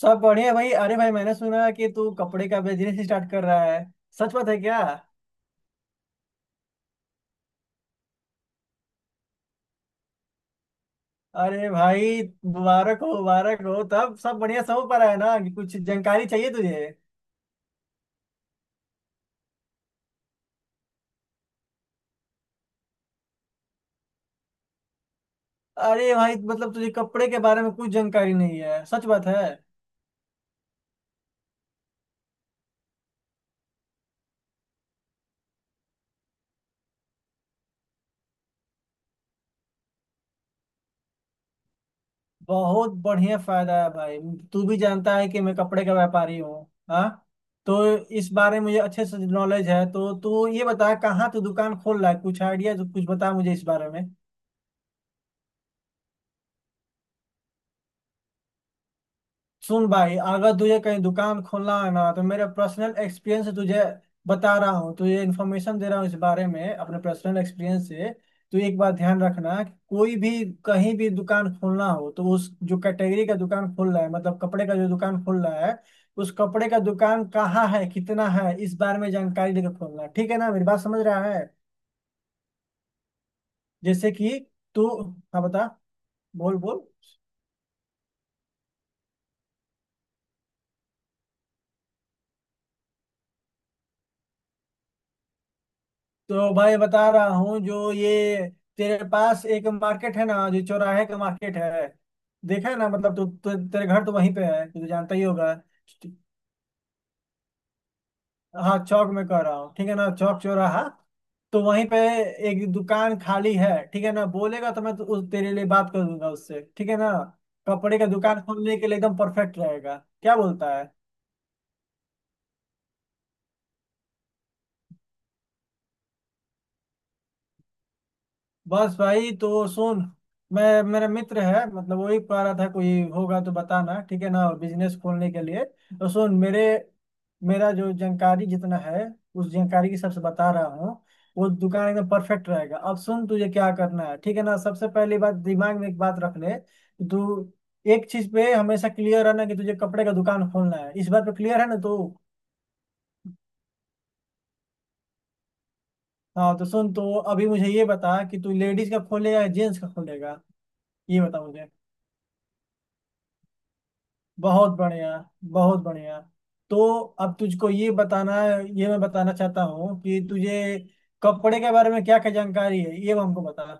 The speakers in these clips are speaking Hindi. सब बढ़िया भाई। अरे भाई, मैंने सुना कि तू कपड़े का बिजनेस स्टार्ट कर रहा है। सच बात है क्या? अरे भाई, मुबारक हो मुबारक हो। तब सब बढ़िया समझ पा रहा है ना कि कुछ जानकारी चाहिए तुझे। अरे भाई, मतलब तुझे कपड़े के बारे में कुछ जानकारी नहीं है? सच बात है? बहुत बढ़िया फायदा है भाई। तू भी जानता है कि मैं कपड़े का व्यापारी हूँ। हाँ, तो इस बारे में मुझे अच्छे से नॉलेज है। तो तू ये बता कहाँ तू दुकान खोल रहा है, कुछ आइडिया कुछ बता मुझे इस बारे में। सुन भाई, अगर तुझे कहीं दुकान खोलना है ना, तो मेरे पर्सनल एक्सपीरियंस से तुझे बता रहा हूँ, तुझे इन्फॉर्मेशन दे रहा हूँ इस बारे में अपने पर्सनल एक्सपीरियंस से। तू एक बात ध्यान रखना कि कोई भी कहीं भी दुकान खोलना हो तो उस जो कैटेगरी का दुकान खोल रहा है, मतलब कपड़े का जो दुकान खोल रहा है, उस कपड़े का दुकान कहाँ है, कितना है, इस बारे में जानकारी लेकर खोलना। ठीक है ना, मेरी बात समझ रहा है? जैसे कि तू, हाँ बता। बोल बोल। तो भाई बता रहा हूँ, जो ये तेरे पास एक मार्केट है ना, जो चौराहे का मार्केट है। देखा है ना, मतलब तू तेरे घर तो वहीं पे है, तू तो जानता ही होगा। हाँ, चौक में कह रहा हूँ, ठीक है ना, चौक चौराहा। तो वहीं पे एक दुकान खाली है, ठीक है ना। बोलेगा तो मैं तो उस तेरे लिए बात कर दूंगा उससे, ठीक है ना। कपड़े का दुकान खोलने के लिए एकदम परफेक्ट रहेगा, क्या बोलता है? बस भाई, तो सुन, मैं, मेरा मित्र है, मतलब वही पा रहा था कोई होगा तो बताना, ठीक है ना, बिजनेस खोलने के लिए। तो सुन, मेरे, मेरा जो जानकारी जितना है, उस जानकारी के सबसे बता रहा हूँ। वो दुकान एकदम परफेक्ट रहेगा। अब सुन तुझे क्या करना है, ठीक है ना। सबसे पहली बात दिमाग में एक बात रख ले कि तू एक चीज पे हमेशा क्लियर रहना कि तुझे कपड़े का दुकान खोलना है। इस बात पे क्लियर है ना तू? हाँ, तो सुन, तो अभी मुझे ये बता कि तू लेडीज का खोलेगा या जेंट्स का खोलेगा, ये बता मुझे। बहुत बढ़िया, बहुत बढ़िया। तो अब तुझको ये बताना, ये मैं बताना चाहता हूँ कि तुझे कपड़े के बारे में क्या क्या जानकारी है, ये हमको बता।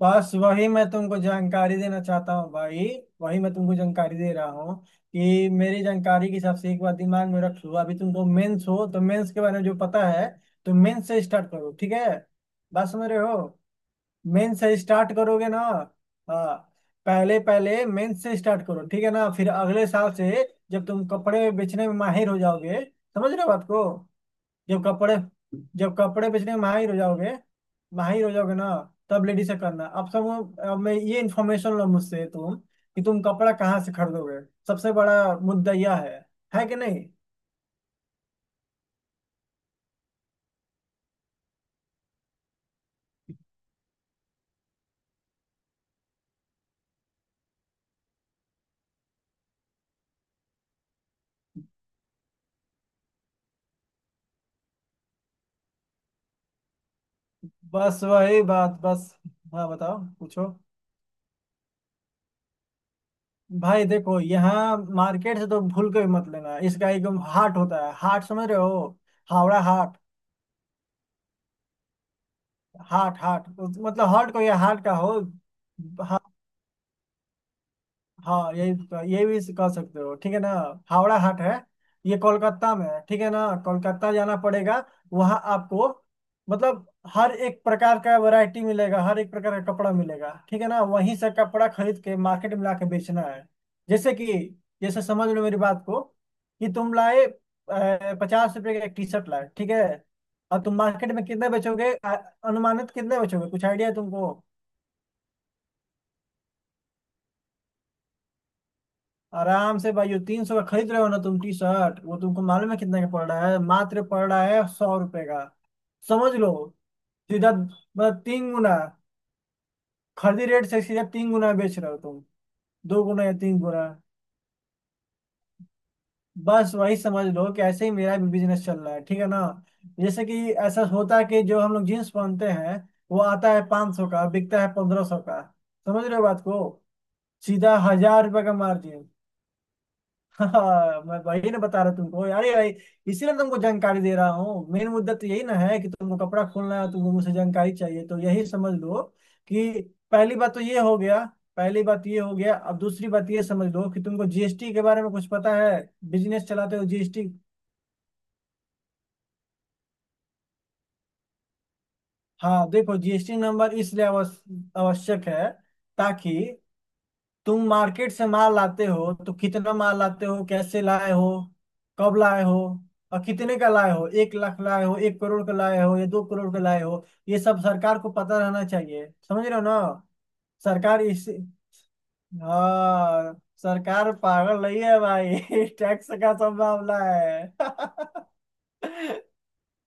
बस वही मैं तुमको जानकारी देना चाहता हूँ भाई, वही मैं तुमको जानकारी दे रहा हूँ कि मेरी जानकारी के हिसाब से एक बार दिमाग में रख लो, अभी तुमको मेंस हो तो मेंस के बारे में जो पता है, तो मेंस से स्टार्ट करो, ठीक है, बात समझ रहे हो? मेन से स्टार्ट करोगे ना? हाँ। पहले पहले मेन से स्टार्ट करो, ठीक है ना, फिर अगले साल से जब तुम कपड़े बेचने में माहिर हो जाओगे, समझ रहे हो बात को, जब कपड़े, जब कपड़े बेचने में माहिर हो जाओगे, माहिर हो जाओगे ना, तब लेडीज से करना। अब सब, अब मैं ये इन्फॉर्मेशन लो मुझसे तुम, कि तुम कपड़ा कहाँ से खरीदोगे। सबसे बड़ा मुद्दा यह है कि नहीं? बस वही बात, बस। हाँ बताओ पूछो। भाई देखो, यहाँ मार्केट से तो भूल के भी मत लेना। इसका एक हाट होता है, हाट समझ रहे हो, हावड़ा हाट। हाट हाट उस- मतलब हाट को या हाट का हो। हाँ, यही तो, यही भी कह सकते हो, ठीक है ना। हावड़ा हाट है, ये कोलकाता में है, ठीक है ना, कोलकाता जाना पड़ेगा। वहाँ आपको, मतलब, हर एक प्रकार का वैरायटी मिलेगा, हर एक प्रकार का कपड़ा मिलेगा, ठीक है ना, वहीं से कपड़ा खरीद के मार्केट में लाके बेचना है। जैसे कि, जैसे समझ लो मेरी बात को, कि तुम लाए, 50 रुपए का एक टी शर्ट लाए, ठीक है। और तुम मार्केट में कितने बेचोगे, अनुमानित कितने बेचोगे, कुछ आइडिया है तुमको? आराम से भाई, 300 का खरीद रहे हो ना तुम टी शर्ट, वो तुमको मालूम है कितने का पड़ रहा है? मात्र पड़ रहा है 100 रुपए का। समझ लो, सीधा मतलब 3 गुना, खरीदी रेट से सीधा 3 गुना बेच रहे हो तुम। 2 गुना या 3 गुना। बस वही समझ लो कि ऐसे ही मेरा भी बिजनेस चल रहा है, ठीक है ना। जैसे कि ऐसा होता है कि जो हम लोग जीन्स पहनते हैं, वो आता है 500 का, बिकता है 1500 का। समझ रहे हो बात को? सीधा 1000 रुपये का मार्जिन। हाँ मैं वही ना बता रहा तुमको यार ये, इसीलिए तुमको जानकारी दे रहा हूँ। मेन मुद्दा तो यही ना है कि तुमको कपड़ा खोलना है, तुमको मुझसे जानकारी चाहिए, तो यही समझ लो कि पहली बात तो ये हो गया। पहली बात ये हो गया, अब दूसरी बात ये समझ लो कि तुमको जीएसटी के बारे में कुछ पता है? बिजनेस चलाते हो जीएसटी। हाँ देखो, जीएसटी नंबर इसलिए आवश्यक है, ताकि तुम मार्केट से माल लाते हो तो कितना माल लाते हो, कैसे लाए हो, कब लाए हो, और कितने का लाए हो, 1 लाख लाए हो, 1 करोड़ का लाए हो या 2 करोड़ का लाए हो, ये सब सरकार को पता रहना चाहिए, समझ रहे हो ना। सरकार इस हाँ, सरकार पागल नहीं है भाई। टैक्स का सब मामला है।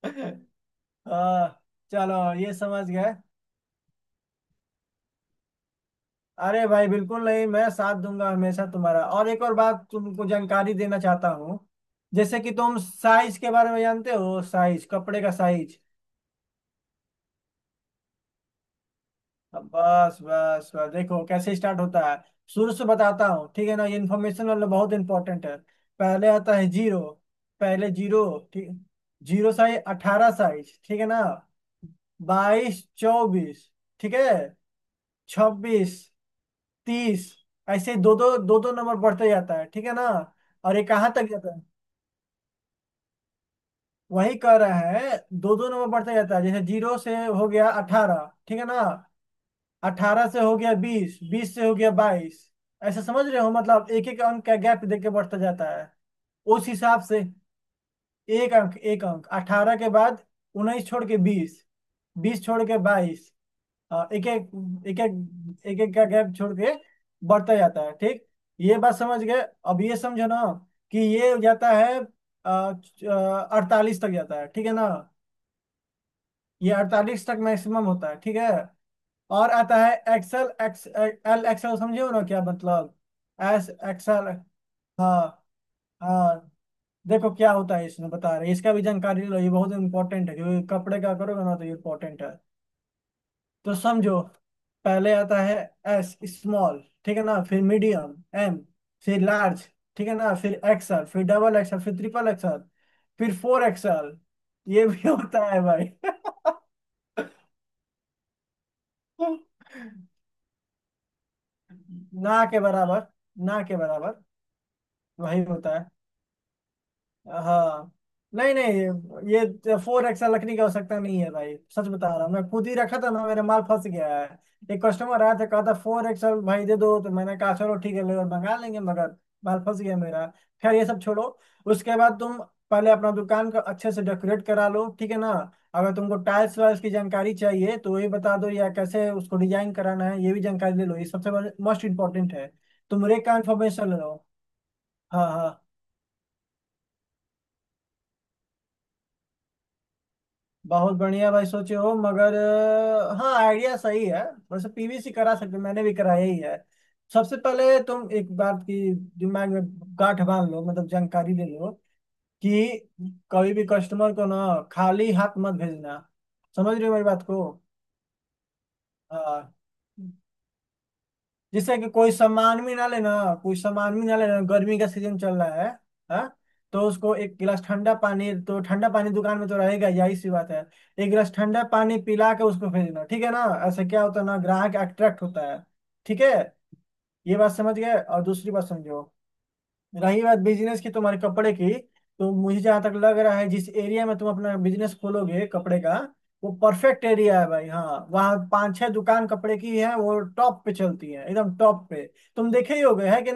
हाँ चलो, ये समझ गए। अरे भाई बिल्कुल नहीं, मैं साथ दूंगा हमेशा तुम्हारा। और एक और बात तुमको जानकारी देना चाहता हूँ, जैसे कि तुम साइज के बारे में जानते हो, साइज, कपड़े का साइज। अब बस बस बस, देखो कैसे स्टार्ट होता है, शुरू से बताता हूँ, ठीक है ना, ये इन्फॉर्मेशन वाला बहुत इंपॉर्टेंट है। पहले आता है जीरो। पहले जीरो, ठीक, जीरो साइज, 18 साइज, ठीक है ना, 22, 24, ठीक है, 26, 30, ऐसे दो दो दो दो नंबर बढ़ते जाता है, ठीक है ना। और ये कहाँ तक जाता है? वही कह रहा है दो दो नंबर बढ़ते जाता है, जैसे जीरो से हो गया 18, ठीक है ना, 18 से हो गया 20, 20 से हो गया 22। ऐसा समझ रहे हो, मतलब एक एक अंक का गैप देके बढ़ता जाता है, उस हिसाब से। एक अंक एक अंक, 18 के बाद 19 छोड़ के 20, 20 छोड़ के 22। हाँ, एक एक, एक एक, एक एक का गैप छोड़ के बढ़ता जाता है, ठीक। ये बात समझ गए? अब ये समझो ना कि ये जाता है, 48 तक जाता है, ठीक है ना। ये 48 तक मैक्सिमम होता है, ठीक है। और आता है एक्सल, XL, एक्सल, समझे हो ना क्या मतलब? S axle. हाँ। हाँ, देखो क्या होता है इसमें बता रहे हैं। इसका भी जानकारी लो, ये बहुत इंपॉर्टेंट है क्योंकि कपड़े का करोगे ना तो ये इंपॉर्टेंट है। तो समझो, पहले आता है एस, स्मॉल, ठीक है ना, फिर मीडियम, एम, फिर लार्ज, ठीक है ना, फिर एक्सएल, फिर डबल एक्सएल, फिर ट्रिपल एक्सएल, फिर फोर एक्सएल। ये भी होता है भाई। ना के बराबर, ना के बराबर। वही होता। हाँ। नहीं नहीं, ये फोर एक्स लकड़ी का आवश्यकता नहीं है भाई, सच बता रहा हूँ, मैं खुद ही रखा था ना, मेरा माल फंस गया है। एक कस्टमर आया था, कहा था फोर एक्सएल भाई दे दो, तो मैंने कहा चलो ठीक है ले लो, मंगा लेंगे, मगर माल फंस गया मेरा। खैर, ये सब छोड़ो, उसके बाद तुम पहले अपना दुकान का अच्छे से डेकोरेट करा लो, ठीक है ना। अगर तुमको टाइल्स वाइल्स की जानकारी चाहिए तो ये बता दो, या कैसे उसको डिजाइन कराना है, ये भी जानकारी ले लो, ये सबसे मोस्ट इम्पोर्टेंट है। तुम रेट का इन्फॉर्मेशन ले लो। हाँ हाँ। बहुत बढ़िया भाई सोचे हो, मगर हाँ आइडिया सही है। वैसे पीवीसी करा सकते हो, मैंने भी कराया ही है। सबसे पहले तुम एक बात की दिमाग में गांठ बांध लो, मतलब जानकारी ले लो कि कभी भी कस्टमर को ना खाली हाथ मत भेजना, समझ रहे हो मेरी बात को। हाँ, जिससे कि कोई सामान भी ना लेना, कोई सामान भी ना लेना, गर्मी का सीजन चल रहा है, हाँ, तो उसको एक गिलास ठंडा पानी, तो ठंडा पानी दुकान में तो रहेगा, यही सी बात है। एक गिलास ठंडा पानी पिला के उसको भेजना, ठीक है ना, ऐसे क्या होता है ना, ग्राहक अट्रैक्ट होता है, ठीक है। ये बात समझ गए, और दूसरी बात समझो। रही बात बिजनेस की तुम्हारे कपड़े की, तो मुझे जहाँ तक लग रहा है, जिस एरिया में तुम अपना बिजनेस खोलोगे कपड़े का, वो परफेक्ट एरिया है भाई। हाँ, वहाँ पांच छह दुकान कपड़े की है, वो टॉप पे चलती है, एकदम टॉप पे। तुम देखे ही होगे, है कि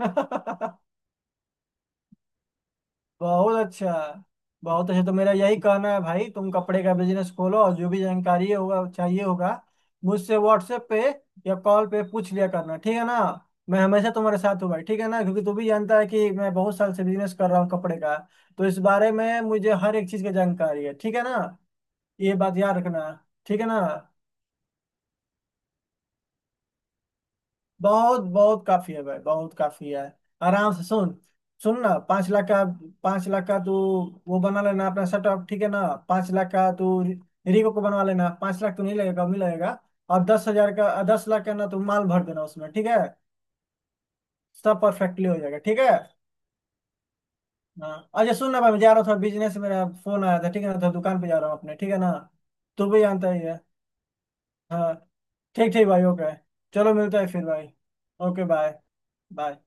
नहीं? बहुत अच्छा, बहुत अच्छा। तो मेरा यही कहना है भाई, तुम कपड़े का बिजनेस खोलो, और जो भी जानकारी होगा चाहिए होगा मुझसे व्हाट्सएप पे या कॉल पे पूछ लिया करना, ठीक है ना। मैं हमेशा तुम्हारे साथ हूँ भाई, ठीक है ना, क्योंकि तू भी जानता है कि मैं बहुत साल से बिजनेस कर रहा हूँ कपड़े का, तो इस बारे में मुझे हर एक चीज की जानकारी है, ठीक है ना। ये बात याद रखना। ठीक है ना, बहुत बहुत काफी है भाई, बहुत काफी है। आराम से सुन, सुन ना, 5 लाख का, पांच लाख का तू वो बना लेना अपना सेटअप, ठीक है ना। 5 लाख का तू रिको को बनवा लेना, 5 लाख तो नहीं लगेगा, कम ही लगेगा। और 10 हजार का, 10 लाख का ना तू माल भर देना उसमें, ठीक है। सब परफेक्टली हो जाएगा, ठीक है। हाँ अच्छा, सुन ना भाई, मैं जा रहा था बिजनेस, मेरा फोन आया था, ठीक है ना, तो दुकान पे जा रहा हूँ अपने, ठीक है ना, तू भी जानता ही है। हाँ, ठीक ठीक भाई, ओके। चलो मिलता है फिर भाई। Okay bye. बाय।